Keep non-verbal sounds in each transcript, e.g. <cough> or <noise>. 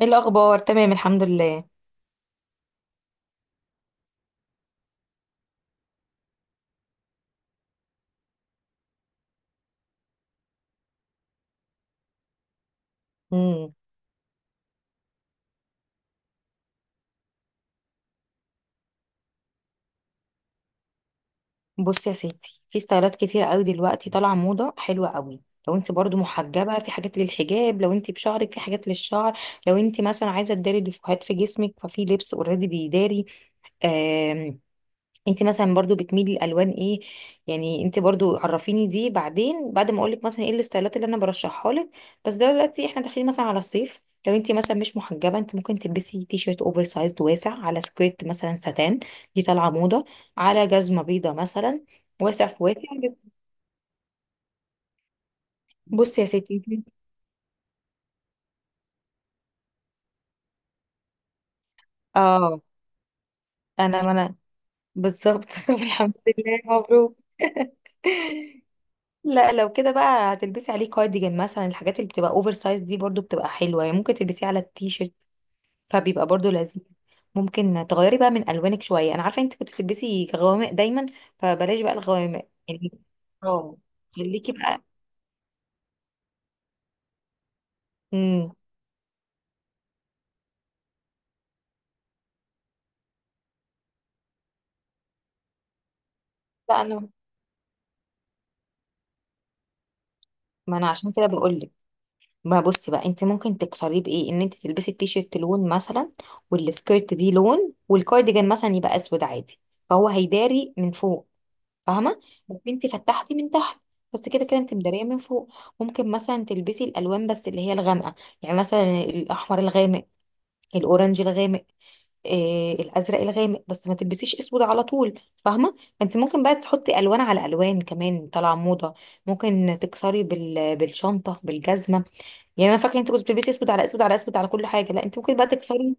ايه الاخبار، تمام الحمد لله. امم. بصي يا ستي، في ستايلات كتير قوي دلوقتي طالعه موضه حلوه قوي. لو انت برضو محجبه، في حاجات للحجاب، لو انت بشعرك في حاجات للشعر. لو انت مثلا عايزه تداري دفوهات في جسمك ففي لبس اوريدي بيداري. انت مثلا برضو بتميلي لالوان ايه؟ يعني انت برضو عرفيني دي بعدين، بعد ما اقولك مثلا ايه الستايلات اللي انا برشحها لك. بس دلوقتي احنا داخلين مثلا على الصيف. لو انت مثلا مش محجبه، انت ممكن تلبسي تي شيرت اوفر سايزد واسع على سكيرت مثلا ساتان. دي طالعه موضه، على جزمه بيضه مثلا. واسع في واسع. بصي يا ستي. اه. انا ما انا بالظبط. <laughs> طب الحمد لله، مبروك. <laughs> لا، لو كده بقى هتلبسي عليه كارديجان مثلا، الحاجات اللي بتبقى اوفر سايز دي برضو بتبقى حلوه، يعني ممكن تلبسيه على التيشيرت فبيبقى برضو لذيذ. ممكن تغيري بقى من الوانك شويه، انا عارفه انت كنت بتلبسي غوامق دايما، فبلاش بقى الغوامق يعني. اه، خليكي بقى. امم. لا، انا ما انا عشان كده بقول لك. ما بصي بقى، انت ممكن تكسريه بايه؟ ان انت تلبسي التيشيرت لون مثلا، والسكيرت دي لون، والكارديجان مثلا يبقى اسود عادي، فهو هيداري من فوق، فاهمه؟ ممكن انت فتحتي من تحت، بس كده كده انت مداريه من فوق. ممكن مثلا تلبسي الالوان بس اللي هي الغامقه. يعني مثلا الاحمر الغامق، الاورنج الغامق، إيه، الازرق الغامق، بس ما تلبسيش اسود على طول، فاهمه؟ فانت ممكن بقى تحطي الوان على الوان، كمان طالعه موضه. ممكن تكسري بالشنطه، بالجزمه. يعني انا فاكره انت كنت بتلبسي اسود على اسود على اسود على كل حاجه، لا انت ممكن بقى تكسري.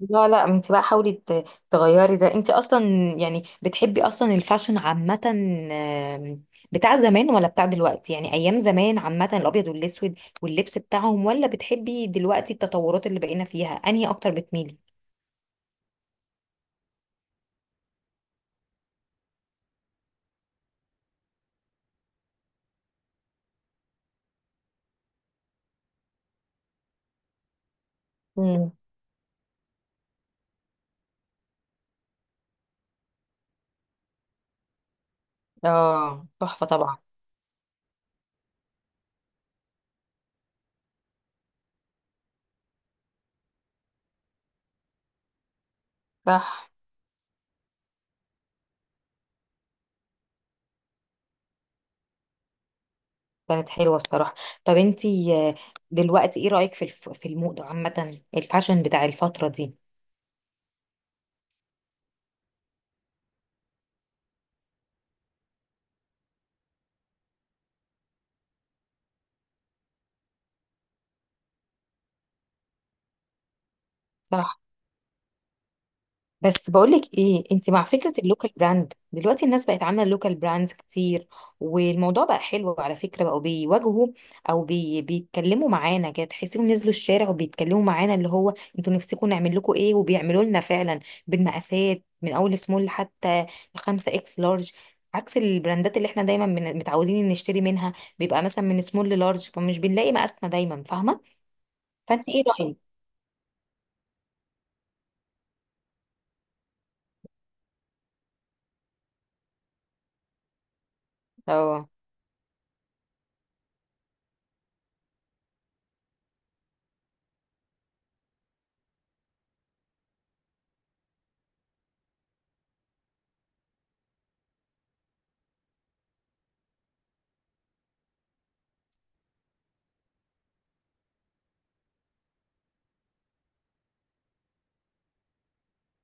لا لا، انت بقى حاولي تغيري ده. انت اصلا يعني بتحبي اصلا الفاشن عامة؟ بتاع زمان ولا بتاع دلوقتي؟ يعني ايام زمان عامة الابيض والاسود واللبس بتاعهم، ولا بتحبي دلوقتي التطورات اللي بقينا فيها؟ انهي اكتر بتميلي؟ امم. اه، تحفة طبعا. صح. كانت حلوة الصراحة. طب انت، دلوقتي ايه رأيك في الموضة عامة، الفاشن بتاع الفترة دي؟ صح. بس بقولك ايه، انت مع فكرة اللوكال براند؟ دلوقتي الناس بقت عاملة اللوكال براندز كتير، والموضوع بقى حلو على فكرة. بقوا بيواجهوا او بيتكلموا معانا كده، تحسيهم نزلوا الشارع وبيتكلموا معانا، اللي هو انتوا نفسكم نعمل لكم ايه؟ وبيعملوا لنا فعلا بالمقاسات، من اول سمول لحتى 5 اكس لارج، عكس البراندات اللي احنا دايما متعودين إن نشتري منها، بيبقى مثلا من سمول للارج، فمش بنلاقي مقاسنا دايما، فاهمة؟ فانت ايه رأيك؟ اه.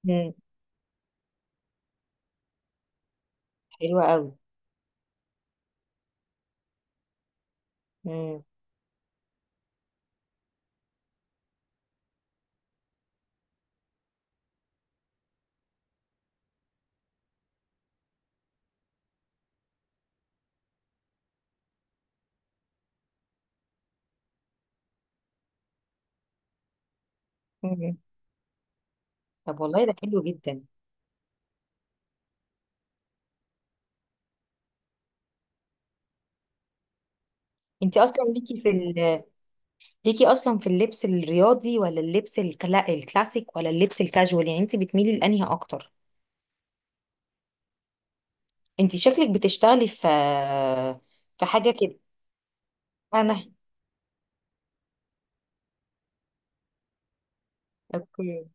مم، حلوة قوي. مم. طب والله ده حلو جدا. انت اصلا ليكي اصلا في اللبس الرياضي، ولا اللبس الكلاسيك، ولا اللبس الكاجوال؟ يعني انت بتميلي لانهي اكتر؟ انت شكلك بتشتغلي في حاجه كده. انا. اوكي.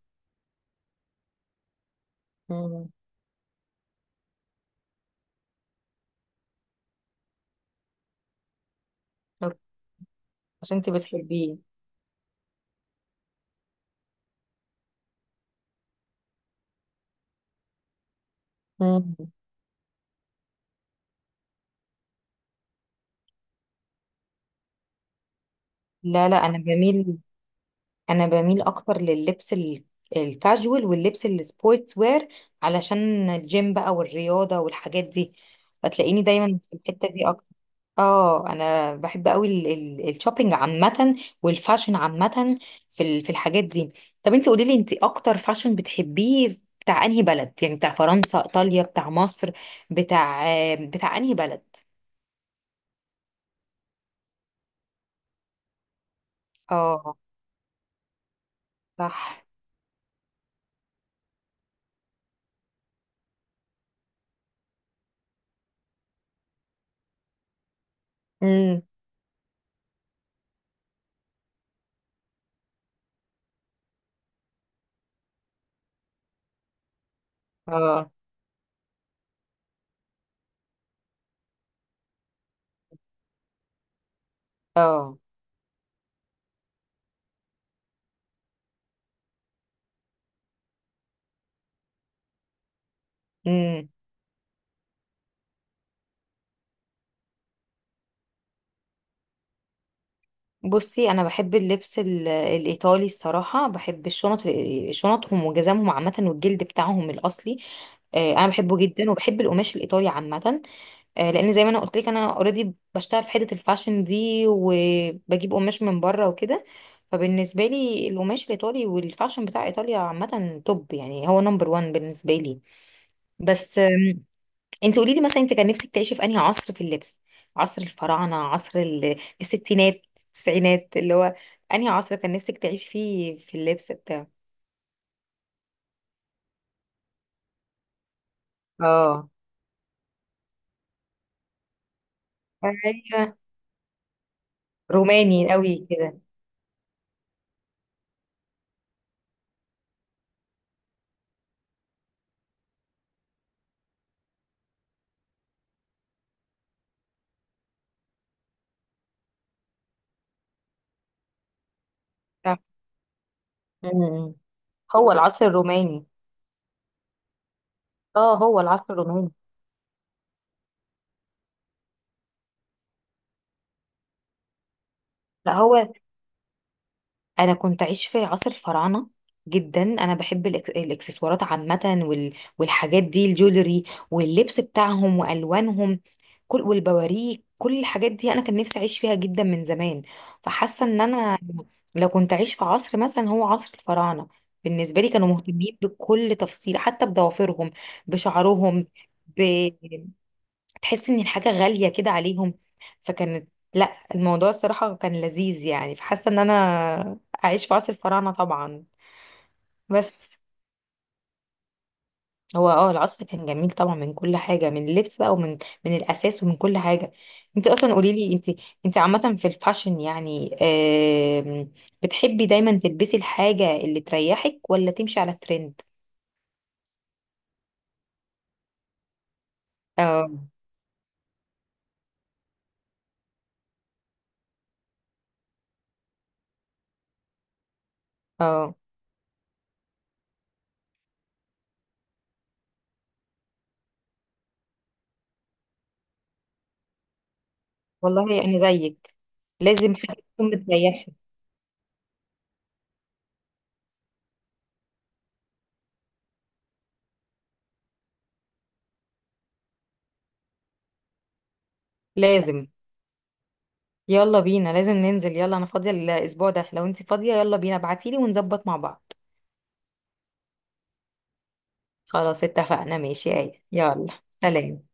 مم. أوكي. عشان انت بتحبيه. مم. لا لا، انا بميل اكتر لللبس الكاجوال واللبس السبورتس وير، علشان الجيم بقى والرياضة والحاجات دي، فتلاقيني دايما في الحتة دي اكتر. اه، انا بحب قوي الشوبينج عامة، والفاشن عامة، في الحاجات دي. طب انت قولي لي، انت اكتر فاشن بتحبيه بتاع انهي بلد؟ يعني بتاع فرنسا، ايطاليا، بتاع مصر، بتاع بتاع انهي بلد؟ اه. صح. امم. اه. اه. امم. بصي، انا بحب اللبس الايطالي الصراحه. بحب الشنط، شنطهم وجزامهم عامه، والجلد بتاعهم الاصلي. انا بحبه جدا، وبحب القماش الايطالي عامه. لان زي ما انا قلت لك، انا اوريدي بشتغل في حته الفاشن دي، وبجيب قماش من بره وكده. فبالنسبه لي القماش الايطالي والفاشن بتاع ايطاليا عامه توب، يعني هو نمبر وان بالنسبه لي. بس انت قولي لي مثلا، انت كان نفسك تعيشي في انهي عصر في اللبس؟ عصر الفراعنه؟ عصر الستينات؟ التسعينات؟ اللي هو انهي عصر كان نفسك تعيشي فيه في اللبس بتاعه؟ اه. ايوه. روماني قوي كده. صح. أمم. هو العصر الروماني. اه، هو العصر الروماني. لا هو، انا كنت عايش في عصر الفراعنه جدا. انا بحب الاكسسوارات عامه، وال... والحاجات دي، الجولري واللبس بتاعهم والوانهم، كل والبواريك كل الحاجات دي، انا كان نفسي اعيش فيها جدا من زمان. فحاسه ان انا لو كنت عايش في عصر مثلا، هو عصر الفراعنه. بالنسبه لي كانوا مهتمين بكل تفصيله، حتى بضوافرهم، بشعرهم. تحس ان الحاجة غالية كده عليهم. فكانت لا، الموضوع الصراحة كان لذيذ يعني. فحاسة ان انا اعيش في عصر الفراعنة طبعا. بس هو، العصر كان جميل طبعا، من كل حاجة، من اللبس بقى، ومن الاساس، ومن كل حاجة. انت اصلا قولي لي، انت عامة في الفاشن، يعني، آم، بتحبي دايما تلبسي الحاجة اللي تريحك، ولا تمشي على الترند؟ اه. اه. والله انا زيك، لازم حاجة تكون بتريحك. لازم. يلا بينا، لازم ننزل، يلا. انا فاضية الاسبوع ده، لو انت فاضية يلا بينا، ابعتيلي ونظبط مع بعض. خلاص اتفقنا. ماشي يا آية. يلا. سلام.